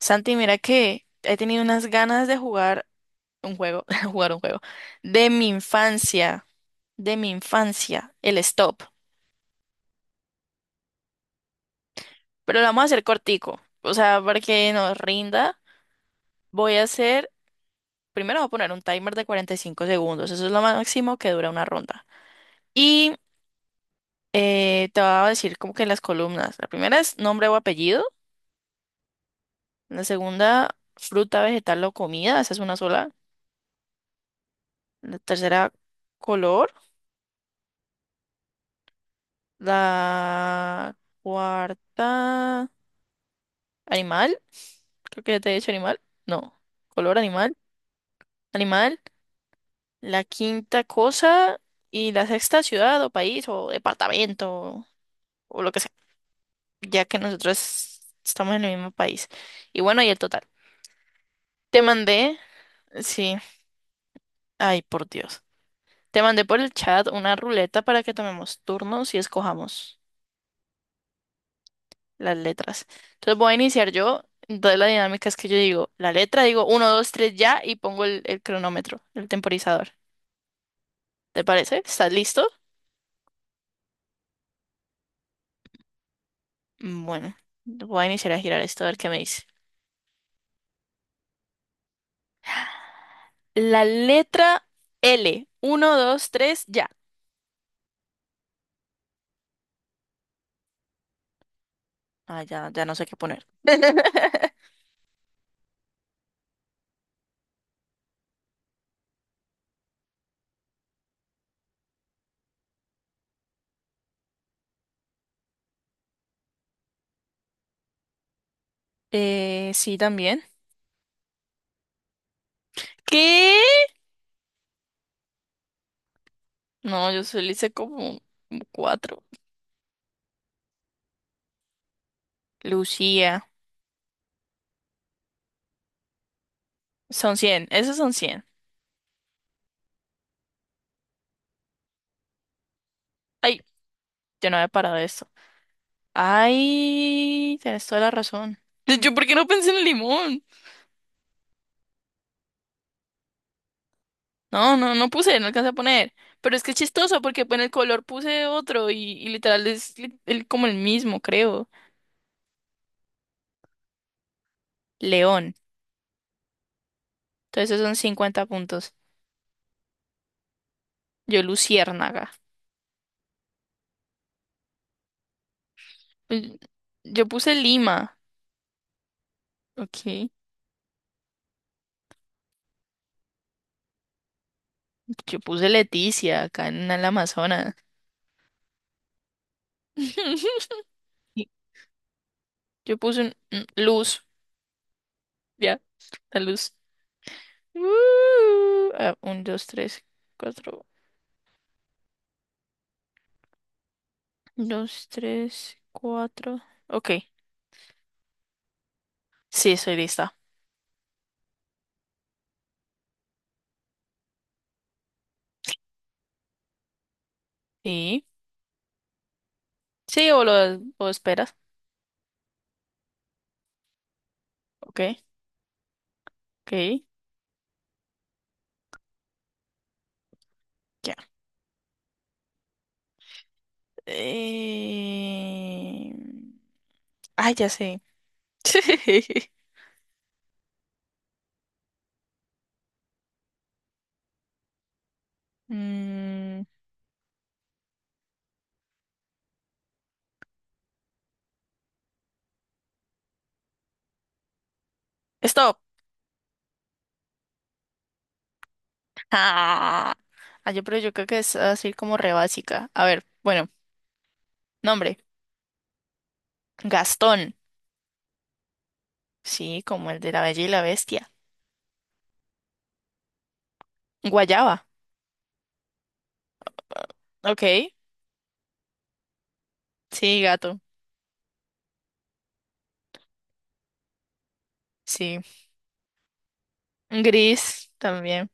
Santi, mira que he tenido unas ganas de jugar un juego, jugar un juego, de mi infancia, de mi infancia, el stop. Pero lo vamos a hacer cortico, o sea, para que nos rinda, voy a hacer, primero voy a poner un timer de 45 segundos, eso es lo máximo que dura una ronda. Y te voy a decir como que las columnas, la primera es nombre o apellido, la segunda fruta, vegetal o comida, esa es una sola, la tercera color. La cuarta, animal. Creo que ya te he dicho animal. No, color animal. Animal. La quinta cosa. Y la sexta, ciudad o país o departamento o lo que sea, ya que nosotros estamos en el mismo país. Y bueno, y el total. Te mandé, sí, ay, por Dios. Te mandé por el chat una ruleta para que tomemos turnos y escojamos las letras. Entonces voy a iniciar yo. Entonces la dinámica es que yo digo la letra, digo uno 2 3 ya y pongo el cronómetro, el temporizador. ¿Te parece? ¿Estás listo? Bueno, voy a iniciar a girar esto a ver qué me dice. La letra L. Uno dos tres ya. Ya no sé qué poner. Sí, también. ¿Qué? No, yo solo hice como cuatro. Lucía. Son 100. Esos son 100. Ay, yo no había parado esto. Ay, tienes toda la razón. Yo, ¿por qué no pensé en el limón? No, no, no puse, no alcancé a poner. Pero es que es chistoso porque pues, en el color puse otro y literal es como el mismo, creo. León. Entonces esos son 50 puntos. Yo, luciérnaga. L- Yo puse Lima. Ok. Yo puse Leticia acá en el Amazonas. Y Yo puse luz. Ya, la luz. Un, dos, tres, cuatro. Dos, tres, cuatro. Ok. Sí, estoy lista. Sí. Sí, o esperas. Ok. Ok. Ya. Eh... Ay, ya sé. Mm, Stop. Ah, Ah, pero yo creo que es así como re básica. A ver, bueno, nombre. Gastón. Sí, como el de la Bella y la Bestia. Guayaba. Ok. Sí, gato. Sí. Gris también.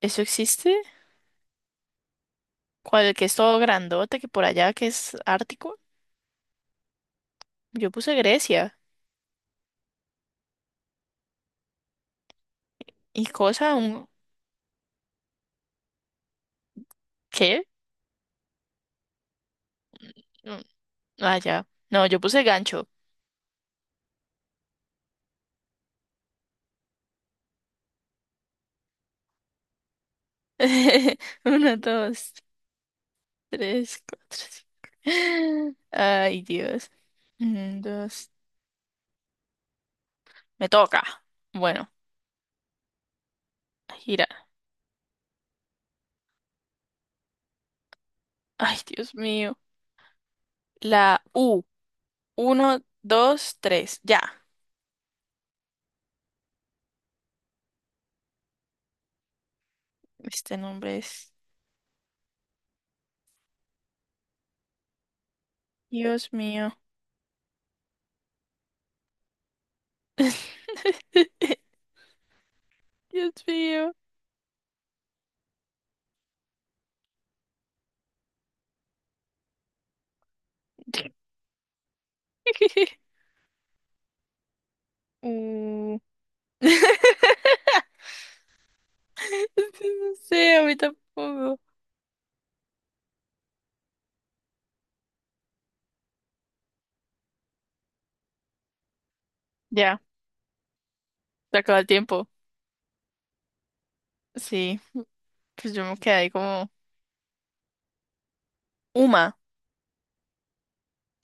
¿Eso existe? ¿Cuál el que es todo grandote, que por allá que es ártico? Yo puse Grecia. ¿Y cosa un qué? Mm, ya. No, yo puse gancho. Uno, dos, tres, cuatro, cinco. Ay, Dios. Un, dos. Me toca. Bueno, gira. Ay, Dios mío. La U. Uno, dos, tres. Ya. Este nombre es. Dios mío. Dios mío. U. No sé, a mí tampoco. Ya, se acaba el tiempo. Sí, pues yo me quedé ahí como... Uma.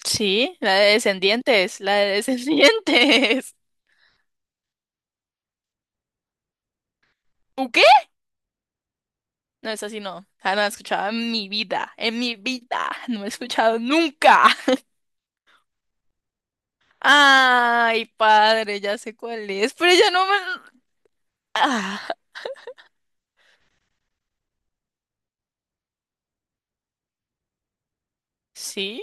Sí, la de Descendientes, la de Descendientes. ¿U qué? No, es así, no. Ah, no la he escuchado en mi vida, en mi vida. No he escuchado nunca. Ay, padre, ya sé cuál es, pero ya no me... Ah, sí,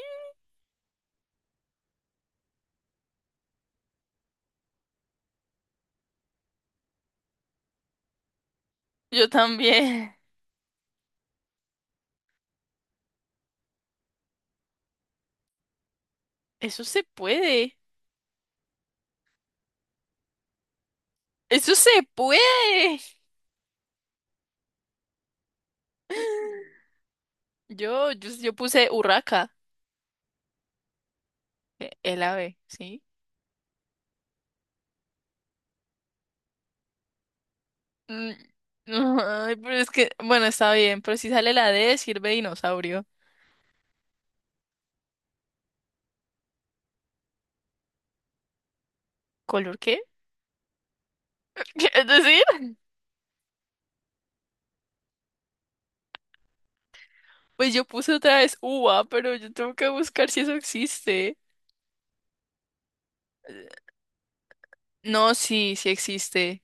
yo también. Eso se puede. Eso se puede. Yo puse Urraca. El ave, ¿sí? Mm, no, ay, pero es que, bueno, está bien, pero si sale la D, sirve dinosaurio. ¿Color qué? Es decir, pues yo puse otra vez uva, pero yo tengo que buscar si eso existe. No, sí, sí existe.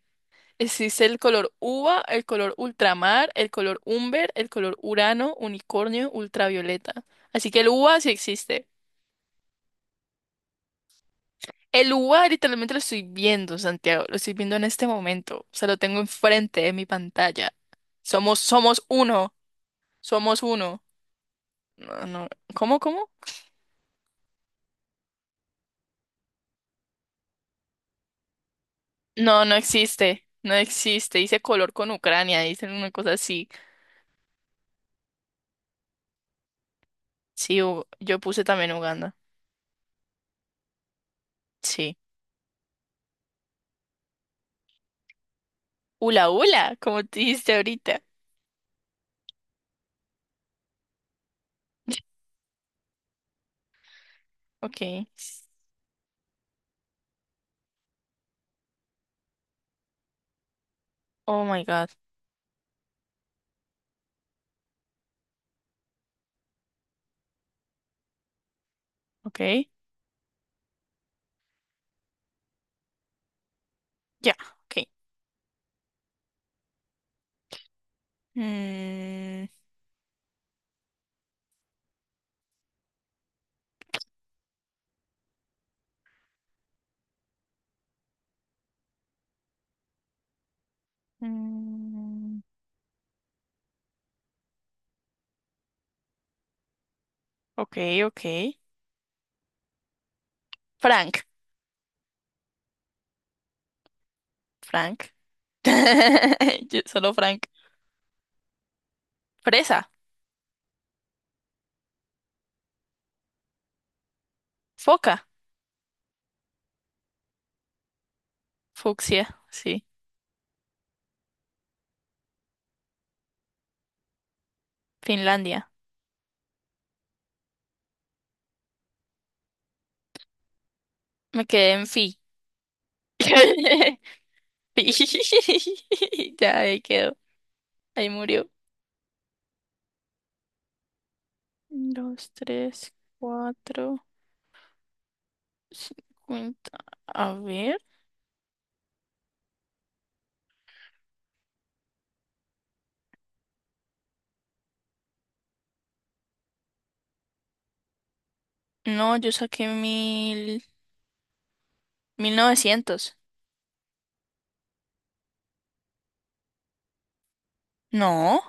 Existe el color uva, el color ultramar, el color umber, el color urano, unicornio, ultravioleta. Así que el uva sí existe. El lugar literalmente lo estoy viendo, Santiago, lo estoy viendo en este momento, o sea, lo tengo enfrente de mi pantalla. Somos uno, somos uno. No, no, ¿cómo, cómo? No, no existe, no existe. Dice color con Ucrania, dice una cosa así. Sí, yo puse también Uganda. Sí. Ula, ula, como te dijiste ahorita. Okay. Oh my God. Okay. Ya, okay. Mm, mm, ok, ok. Frank. Frank. Solo Frank. Fresa. Foca. Fucsia. Sí. Finlandia. Me quedé en fi. Fi. Ya ahí quedó. Ahí murió. Dos, tres, cuatro, cincuenta. A ver. No, yo saqué 1000. 1900. No.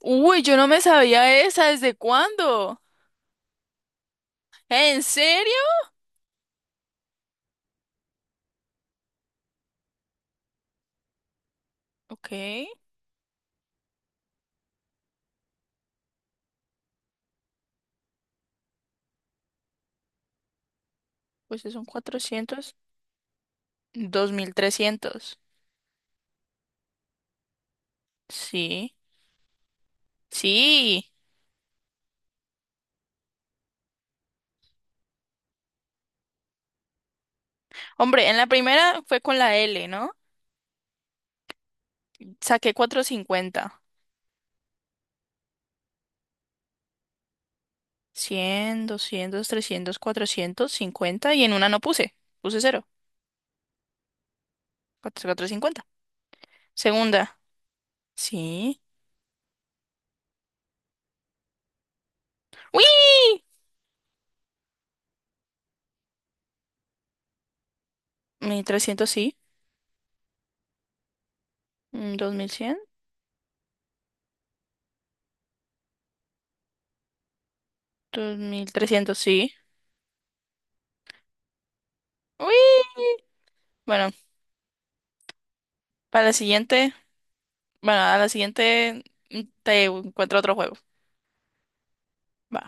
Uy, yo no me sabía esa. ¿Desde cuándo? ¿En serio? Ok. Pues son 400. 2300. Sí, sí. Hombre, en la primera fue con la L, ¿no? Saqué 450, 100, 200, 300, 400, 50 y en una no puse. Puse cero. 450. Segunda. Sí. ¡Uy! 1300 sí. 2100. 2300 sí. ¡Uy! Bueno, para la siguiente, bueno, a la siguiente te encuentro otro juego. Va.